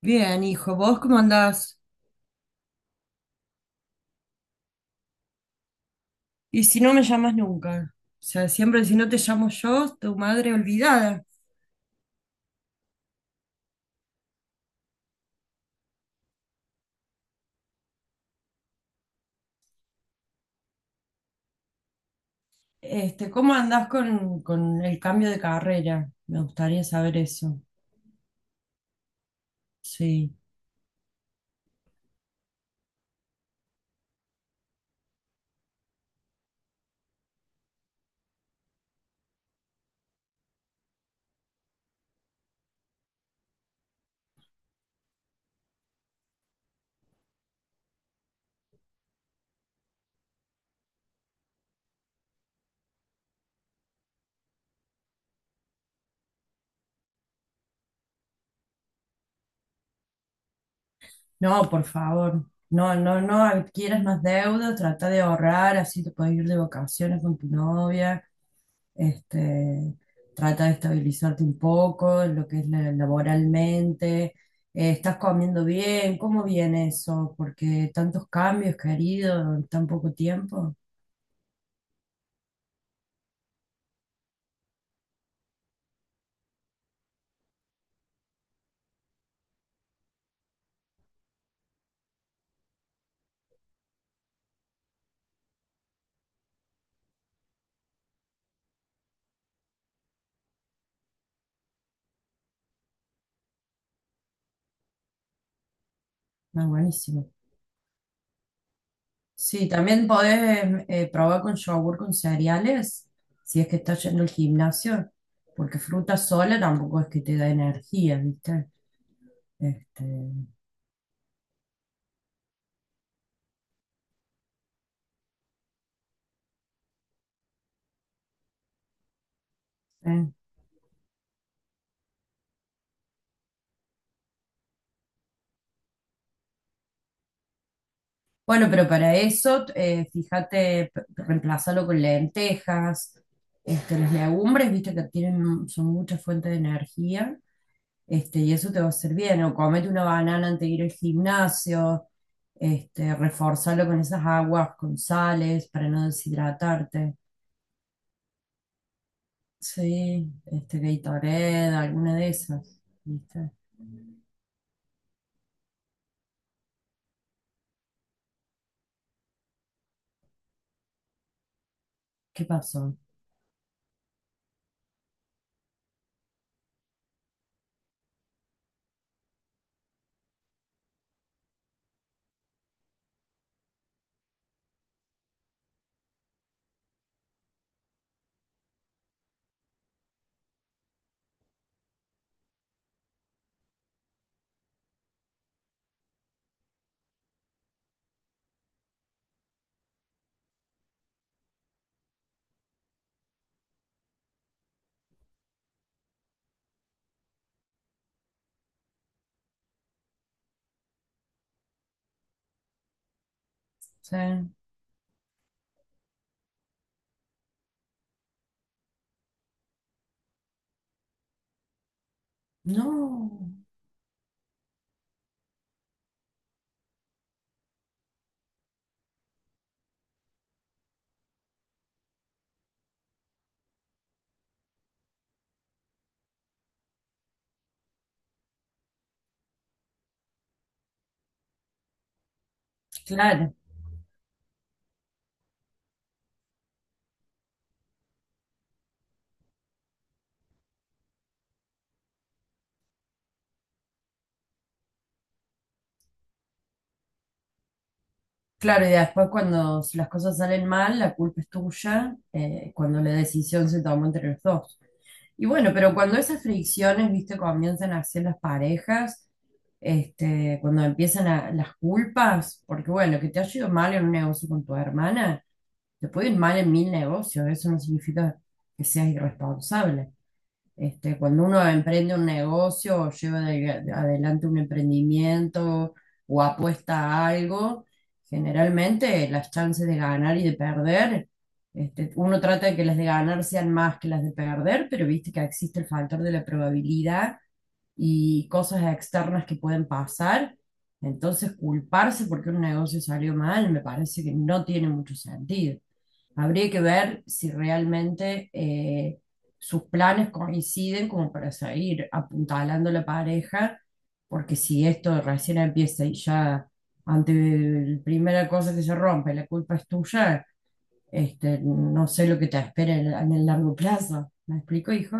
Bien, hijo, ¿vos cómo andás? Y si no me llamas nunca, o sea, siempre si no te llamo yo, tu madre olvidada. ¿Cómo andás con el cambio de carrera? Me gustaría saber eso. Sí. No, por favor, no, no, no adquieras más deuda, trata de ahorrar, así te puedes ir de vacaciones con tu novia, este, trata de estabilizarte un poco en lo que es laboralmente. Estás comiendo bien, ¿cómo viene eso? Porque tantos cambios, querido, en tan poco tiempo. No, buenísimo. Sí, también podés probar con yogur con cereales, si es que estás yendo al gimnasio, porque fruta sola tampoco es que te da energía, ¿viste? Este, eh, Bueno, pero para eso, fíjate, reemplázalo con lentejas. Las legumbres, viste que tienen, son mucha fuente de energía. Y eso te va a hacer bien. O comete una banana antes de ir al gimnasio. Reforzalo con esas aguas, con sales, para no deshidratarte. Sí, Gatorade, alguna de esas, ¿viste? ¿Qué pasó? Sí. No, claro. Claro, y después cuando las cosas salen mal, la culpa es tuya, cuando la decisión se tomó entre los dos. Y bueno, pero cuando esas fricciones, viste, comienzan a hacer las parejas, cuando las culpas, porque bueno, que te haya ido mal en un negocio con tu hermana, te puede ir mal en mil negocios, eso no significa que seas irresponsable. Cuando uno emprende un negocio o lleva adelante un emprendimiento o apuesta a algo, generalmente las chances de ganar y de perder, uno trata de que las de ganar sean más que las de perder, pero viste que existe el factor de la probabilidad y cosas externas que pueden pasar. Entonces, culparse porque un negocio salió mal me parece que no tiene mucho sentido. Habría que ver si realmente sus planes coinciden como para seguir apuntalando a la pareja, porque si esto recién empieza y ya ante la primera cosa que se rompe, la culpa es tuya. No sé lo que te espera en el largo plazo. ¿Me explico, hijo?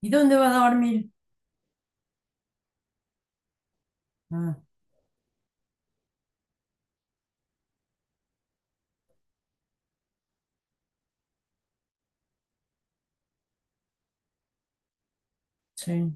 ¿Y dónde va a dormir? Ah, sí,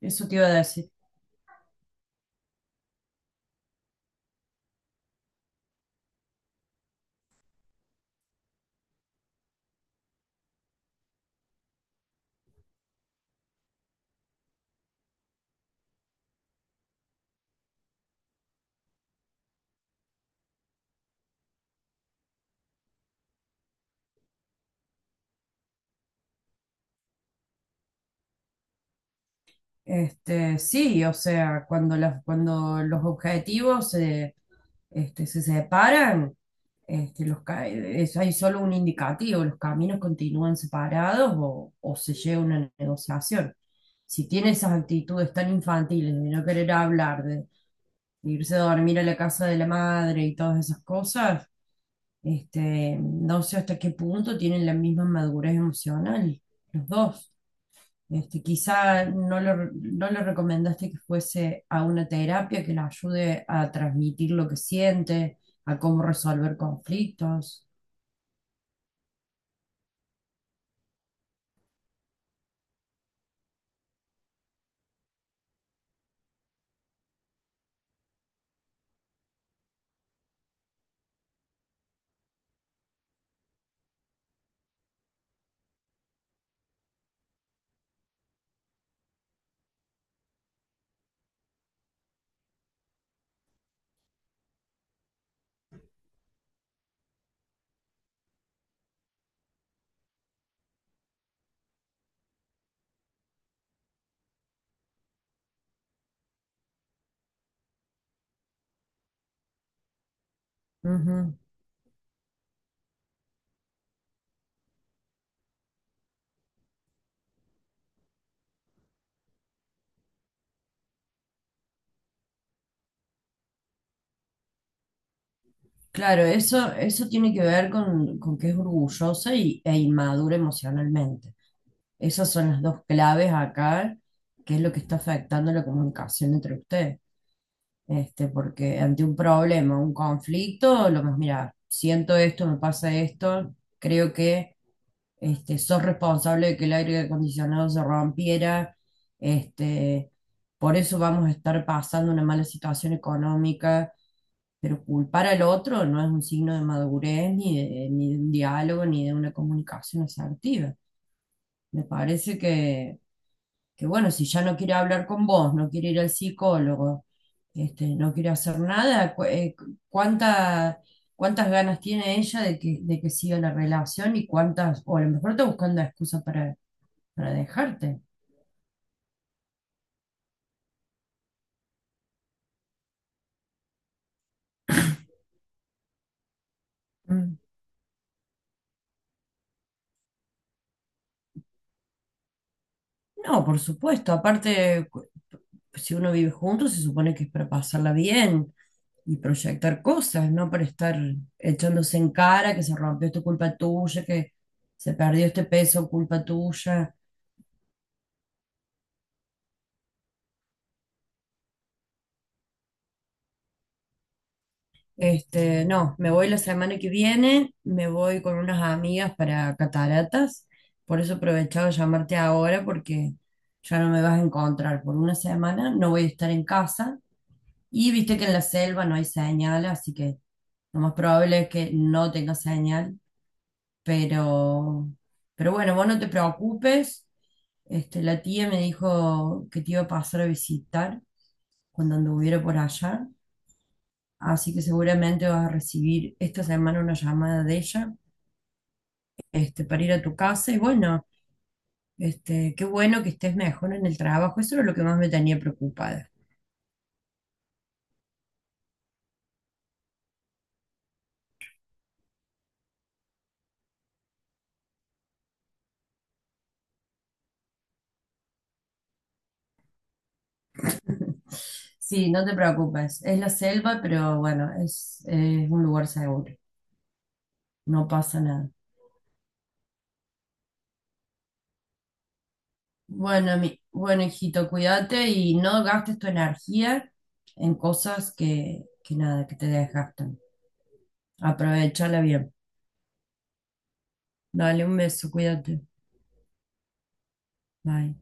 eso te iba a decir. Sí, o sea, cuando, las, cuando los objetivos se, se separan. Hay solo un indicativo, los caminos continúan separados o se llega a una negociación. Si tiene esas actitudes tan infantiles de no querer hablar, de irse a dormir a la casa de la madre y todas esas cosas, no sé hasta qué punto tienen la misma madurez emocional, los dos. Quizá no le recomendaste que fuese a una terapia que le ayude a transmitir lo que siente, a cómo resolver conflictos. Claro, eso tiene que ver con que es orgullosa y, e inmadura emocionalmente. Esas son las dos claves acá, que es lo que está afectando la comunicación entre ustedes. Porque ante un problema, un conflicto, lo más, mira, siento esto, me pasa esto, creo que sos responsable de que el aire acondicionado se rompiera, este, por eso vamos a estar pasando una mala situación económica, pero culpar al otro no es un signo de madurez, ni de, ni de un diálogo, ni de una comunicación asertiva. Me parece que, bueno, si ya no quiere hablar con vos, no quiere ir al psicólogo, no quiere hacer nada. Cuántas ganas tiene ella de que siga la relación y cuántas, o a lo mejor está buscando excusa para dejarte. No, por supuesto. Si uno vive junto, se supone que es para pasarla bien y proyectar cosas, no para estar echándose en cara que se rompió esto culpa tuya, que se perdió este peso culpa tuya. No, me voy la semana que viene, me voy con unas amigas para cataratas. Por eso aprovechaba llamarte ahora porque ya no me vas a encontrar por una semana, no voy a estar en casa. Y viste que en la selva no hay señal, así que lo más probable es que no tenga señal, pero, pero bueno, vos no te preocupes. La tía me dijo que te iba a pasar a visitar cuando anduviera por allá, así que seguramente vas a recibir esta semana una llamada de ella, para ir a tu casa y bueno, qué bueno que estés mejor en el trabajo, eso era lo que más me tenía preocupada. Sí, no te preocupes. Es la selva, pero bueno, es un lugar seguro. No pasa nada. Bueno, mi, bueno, hijito, cuídate y no gastes tu energía en cosas que nada, que te desgastan. Aprovechala bien. Dale un beso, cuídate. Bye.